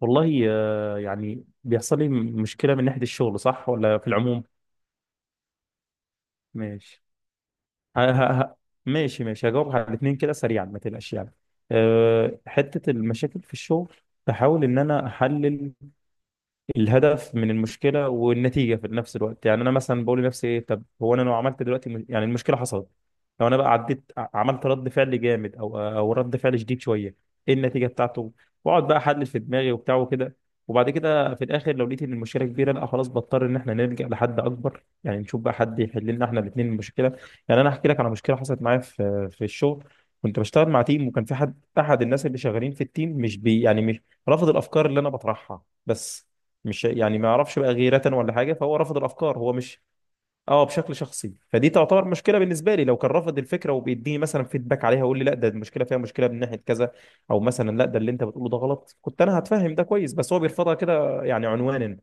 والله يعني بيحصل لي مشكلة من ناحية الشغل، صح ولا في العموم؟ ماشي. ه- ه- ه- ماشي ماشي، هجاوب على الاثنين كده سريعا ما تقلقش يعني. حتة المشاكل في الشغل، بحاول إن أنا أحلل الهدف من المشكله والنتيجه في نفس الوقت. يعني انا مثلا بقول لنفسي ايه، طب هو انا لو عملت دلوقتي يعني المشكله حصلت، لو انا بقى عديت عملت رد فعل جامد او رد فعل شديد شويه، ايه النتيجه بتاعته؟ واقعد بقى احلل في دماغي وبتاع وكده، وبعد كده في الاخر لو لقيت ان المشكله كبيره لا خلاص بضطر ان احنا نلجا لحد اكبر، يعني نشوف بقى حد يحل لنا احنا الاثنين المشكله. يعني انا هحكي لك على مشكله حصلت معايا في الشغل. كنت بشتغل مع تيم، وكان في حد احد الناس اللي شغالين في التيم مش بي، يعني مش رافض الافكار اللي انا بطرحها، بس مش يعني ما يعرفش بقى، غيرة ولا حاجة، فهو رفض الأفكار هو مش. اه، بشكل شخصي، فدي تعتبر مشكلة بالنسبة لي، لو كان رافض الفكرة وبيديني مثلا فيدباك عليها ويقول لي لا ده المشكلة فيها مشكلة من ناحية كذا، أو مثلا لا ده اللي أنت بتقوله ده غلط، كنت أنا هتفهم ده كويس، بس هو بيرفضها كده يعني عنوانا،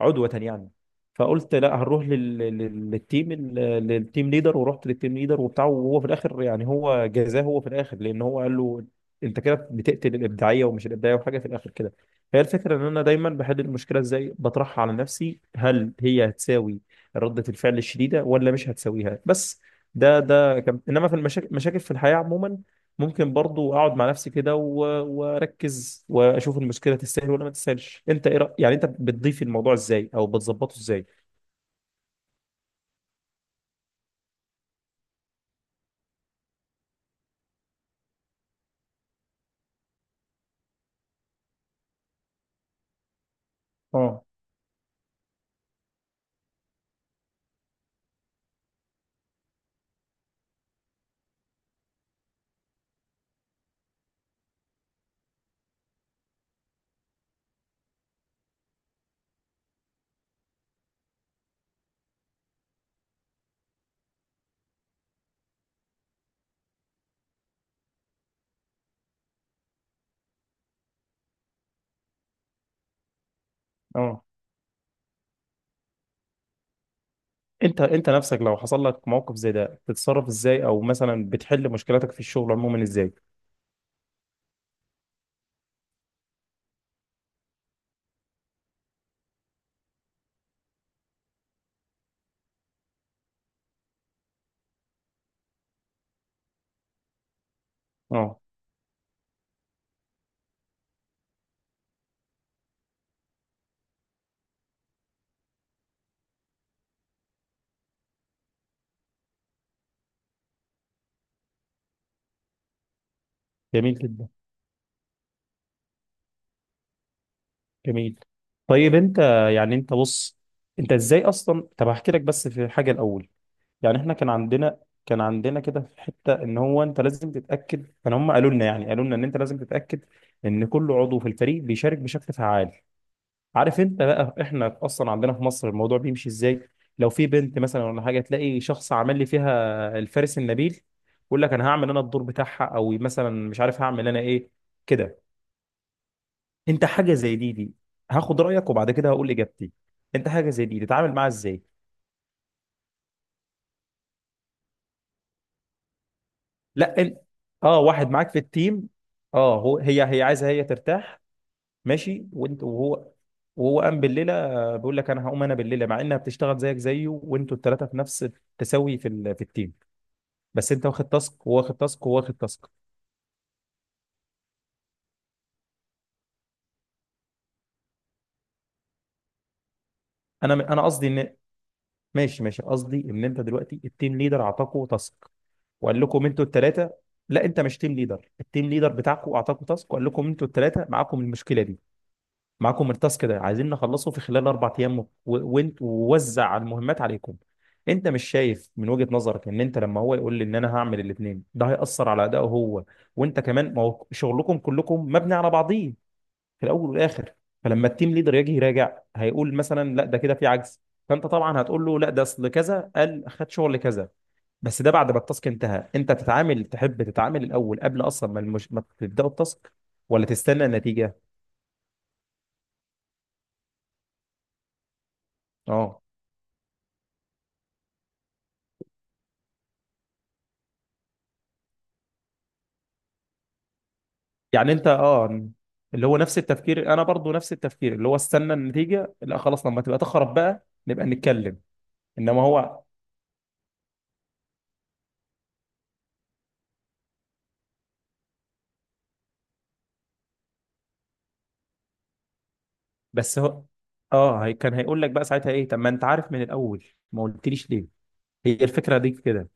عدوة يعني. فقلت لا هنروح للتيم للتيم ليدر، ورحت للتيم ليدر وبتاع، وهو في الاخر يعني هو جزاه هو في الاخر، لان هو قال له انت كده بتقتل الابداعيه ومش الابداعيه وحاجه في الاخر كده. هي الفكره ان انا دايما بحل المشكله ازاي، بطرحها على نفسي هل هي هتساوي ردة الفعل الشديده ولا مش هتساويها. بس ده كان، انما في المشاكل، مشاكل في الحياه عموما، ممكن برضو اقعد مع نفسي كده واركز واشوف المشكله تستاهل ولا ما تستاهلش. انت ايه يعني انت بتضيف الموضوع ازاي او بتظبطه ازاي؟ اه. اه، انت نفسك لو حصل لك موقف زي ده بتتصرف ازاي، او مثلا بتحل مشكلتك في الشغل عموما ازاي؟ اه، جميل جدا، جميل. طيب انت، يعني انت بص، انت ازاي اصلا، طب هحكي لك بس في حاجه الاول. يعني احنا كان عندنا، كان عندنا كده في حته ان هو انت لازم تتاكد، كان هم قالوا لنا، يعني قالوا لنا ان انت لازم تتاكد ان كل عضو في الفريق بيشارك بشكل فعال. عارف انت بقى احنا اصلا عندنا في مصر الموضوع بيمشي ازاي، لو في بنت مثلا ولا حاجه تلاقي شخص عمل لي فيها الفارس النبيل، يقول لك انا هعمل انا الدور بتاعها، او مثلا مش عارف هعمل انا ايه كده. انت حاجه زي دي، دي هاخد رايك وبعد كده هقول اجابتي، انت حاجه زي دي تتعامل معاها ازاي؟ لا انت، اه واحد معاك في التيم، اه هو هي عايزه هي ترتاح. ماشي، وانت وهو، وهو قام بالليله، بيقول لك انا هقوم انا بالليله، مع انها بتشتغل زيك زيه، وانتوا الثلاثه في نفس التساوي في التيم، بس انت واخد تاسك وهو واخد تاسك وهو واخد تاسك. انا قصدي ان، ماشي ماشي، قصدي ان انت دلوقتي التيم ليدر اعطاكوا تاسك، وقال لكم انتوا الثلاثه. لا انت مش تيم ليدر، التيم ليدر بتاعكم اعطاكوا تاسك وقال لكم انتوا الثلاثه معاكم المشكله دي، معاكم التاسك ده عايزين نخلصه في خلال اربع ايام، وانت ووزع المهمات عليكم. انت مش شايف من وجهة نظرك ان انت لما هو يقول لي ان انا هعمل الاثنين ده هيأثر على ادائه هو، وانت كمان، ما هو شغلكم كلكم مبني على بعضيه في الاول والاخر؟ فلما التيم ليدر يجي يراجع هيقول مثلا لا ده كده في عجز، فانت طبعا هتقول له لا ده اصل كذا قال خد شغل كذا، بس ده بعد ما التاسك انتهى. انت تتعامل، تحب تتعامل الاول قبل اصلا ما ما تبداوا التاسك، ولا تستنى النتيجه؟ اه، يعني انت اه، اللي هو نفس التفكير. انا برضو نفس التفكير، اللي هو استنى النتيجه لا خلاص، لما تبقى تخرب بقى نبقى نتكلم. انما هو، بس هو اه، هي كان هيقول لك بقى ساعتها ايه، طب ما انت عارف من الاول، ما قلتليش ليه، هي الفكره دي كده.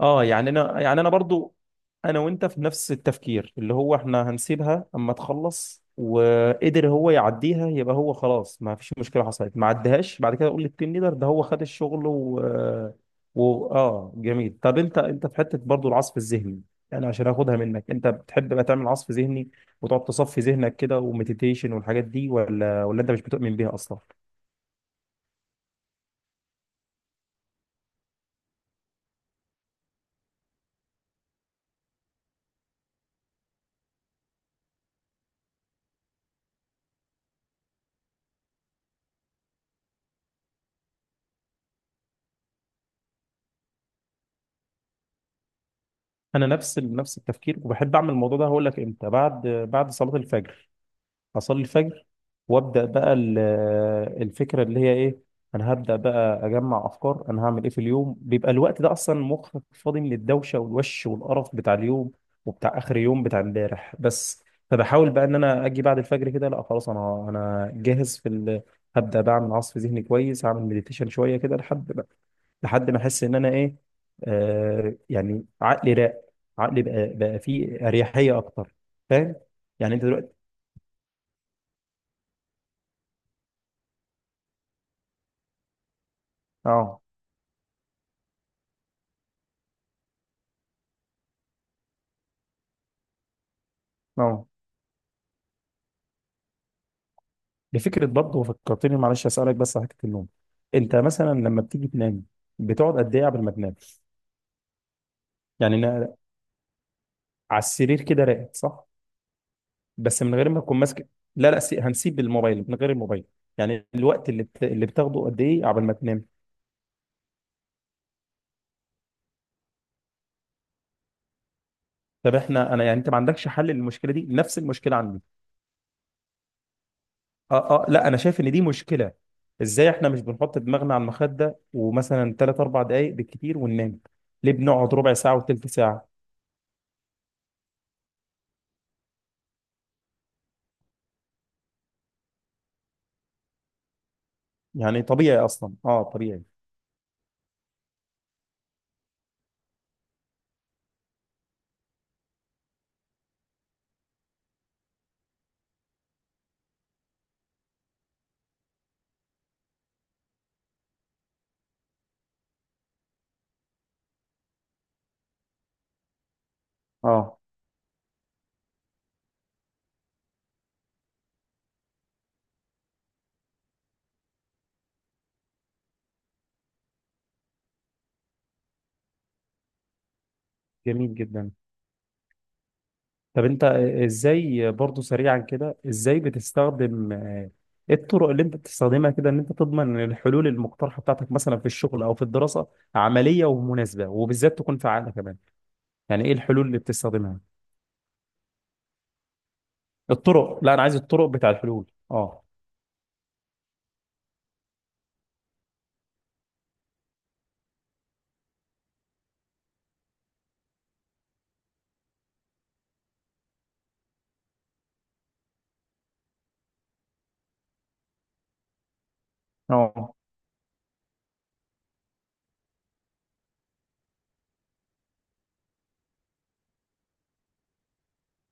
اه، يعني انا يعني انا برضو، انا وانت في نفس التفكير، اللي هو احنا هنسيبها اما تخلص، وقدر هو يعديها يبقى هو خلاص ما فيش مشكله حصلت، ما عدهاش بعد كده اقول للتيم ليدر ده هو خد الشغل و... و... اه جميل. طب انت، انت في حته برضو العصف الذهني، يعني عشان اخدها منك، انت بتحب بقى تعمل عصف ذهني وتقعد تصفي ذهنك كده ومديتيشن والحاجات دي، ولا، ولا انت مش بتؤمن بيها اصلا؟ انا نفس نفس التفكير، وبحب اعمل الموضوع ده. هقول لك امتى، بعد صلاه الفجر، اصلي الفجر وابدا بقى الفكره اللي هي ايه، انا هبدا بقى اجمع افكار انا هعمل ايه في اليوم. بيبقى الوقت ده اصلا مخك فاضي من الدوشه والوش والقرف بتاع اليوم وبتاع اخر يوم بتاع امبارح. بس فبحاول بقى ان انا اجي بعد الفجر كده لا خلاص انا جاهز في ال... هبدا بقى اعمل عصف ذهني كويس، هعمل مديتيشن شويه كده، لحد ما احس ان انا ايه، آه، يعني عقلي راق، عقلي بقى فيه اريحيه اكتر. فاهم. يعني انت دلوقتي اه. اه بفكره برضه، فكرتني، معلش اسالك بس على حته النوم. انت مثلا لما بتيجي تنام، بتقعد قد ايه قبل ما تنام؟ يعني أنا على السرير كده راقد، صح؟ بس من غير ما تكون ماسك، لا هنسيب الموبايل، من غير الموبايل، يعني الوقت اللي بتاخده قد ايه قبل ما تنام؟ طب احنا، انا يعني انت ما عندكش حل للمشكله دي؟ نفس المشكله عندي. اه لا، انا شايف ان دي مشكله. ازاي احنا مش بنحط دماغنا على المخده ومثلا 3 4 دقائق بالكتير وننام؟ ليه بنقعد ربع ساعه وثلث ساعه؟ يعني طبيعي اصلا، اه طبيعي. اه جميل جدا. طب انت ازاي برضو سريعا كده، ازاي بتستخدم ايه الطرق اللي انت بتستخدمها كده ان انت تضمن ان الحلول المقترحه بتاعتك مثلا في الشغل او في الدراسه عمليه ومناسبه وبالذات تكون فعاله كمان، يعني ايه الحلول اللي بتستخدمها؟ الطرق، لا انا عايز الطرق بتاع الحلول. اه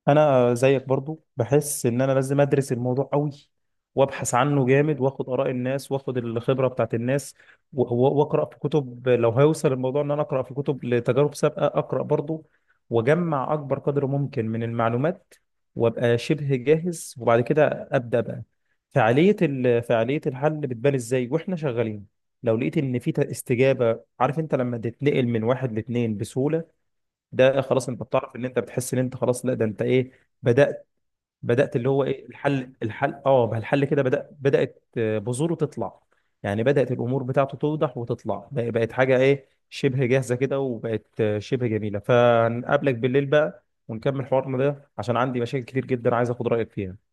انا زيك برضو، بحس ان انا لازم ادرس الموضوع قوي وابحث عنه جامد، واخد اراء الناس واخد الخبره بتاعت الناس، واقرا في كتب، لو هيوصل الموضوع ان انا اقرا في كتب لتجارب سابقه اقرا برضو، واجمع اكبر قدر ممكن من المعلومات وابقى شبه جاهز، وبعد كده ابدا بقى. فعاليه فعاليه الحل بتبان ازاي واحنا شغالين، لو لقيت ان في استجابه، عارف انت لما تتنقل من واحد لاتنين بسهوله، ده خلاص انت بتعرف ان انت بتحس ان انت خلاص، لا ده انت ايه، بدأت. اللي هو ايه، الحل، الحل اه، بقى الحل كده بدأ، بدأت بذوره تطلع، يعني بدأت الامور بتاعته توضح وتطلع، بقت حاجة ايه شبه جاهزة كده، وبقت شبه جميلة. فنقابلك بالليل بقى ونكمل حوارنا ده عشان عندي مشاكل كتير جدا عايز اخد رأيك فيها.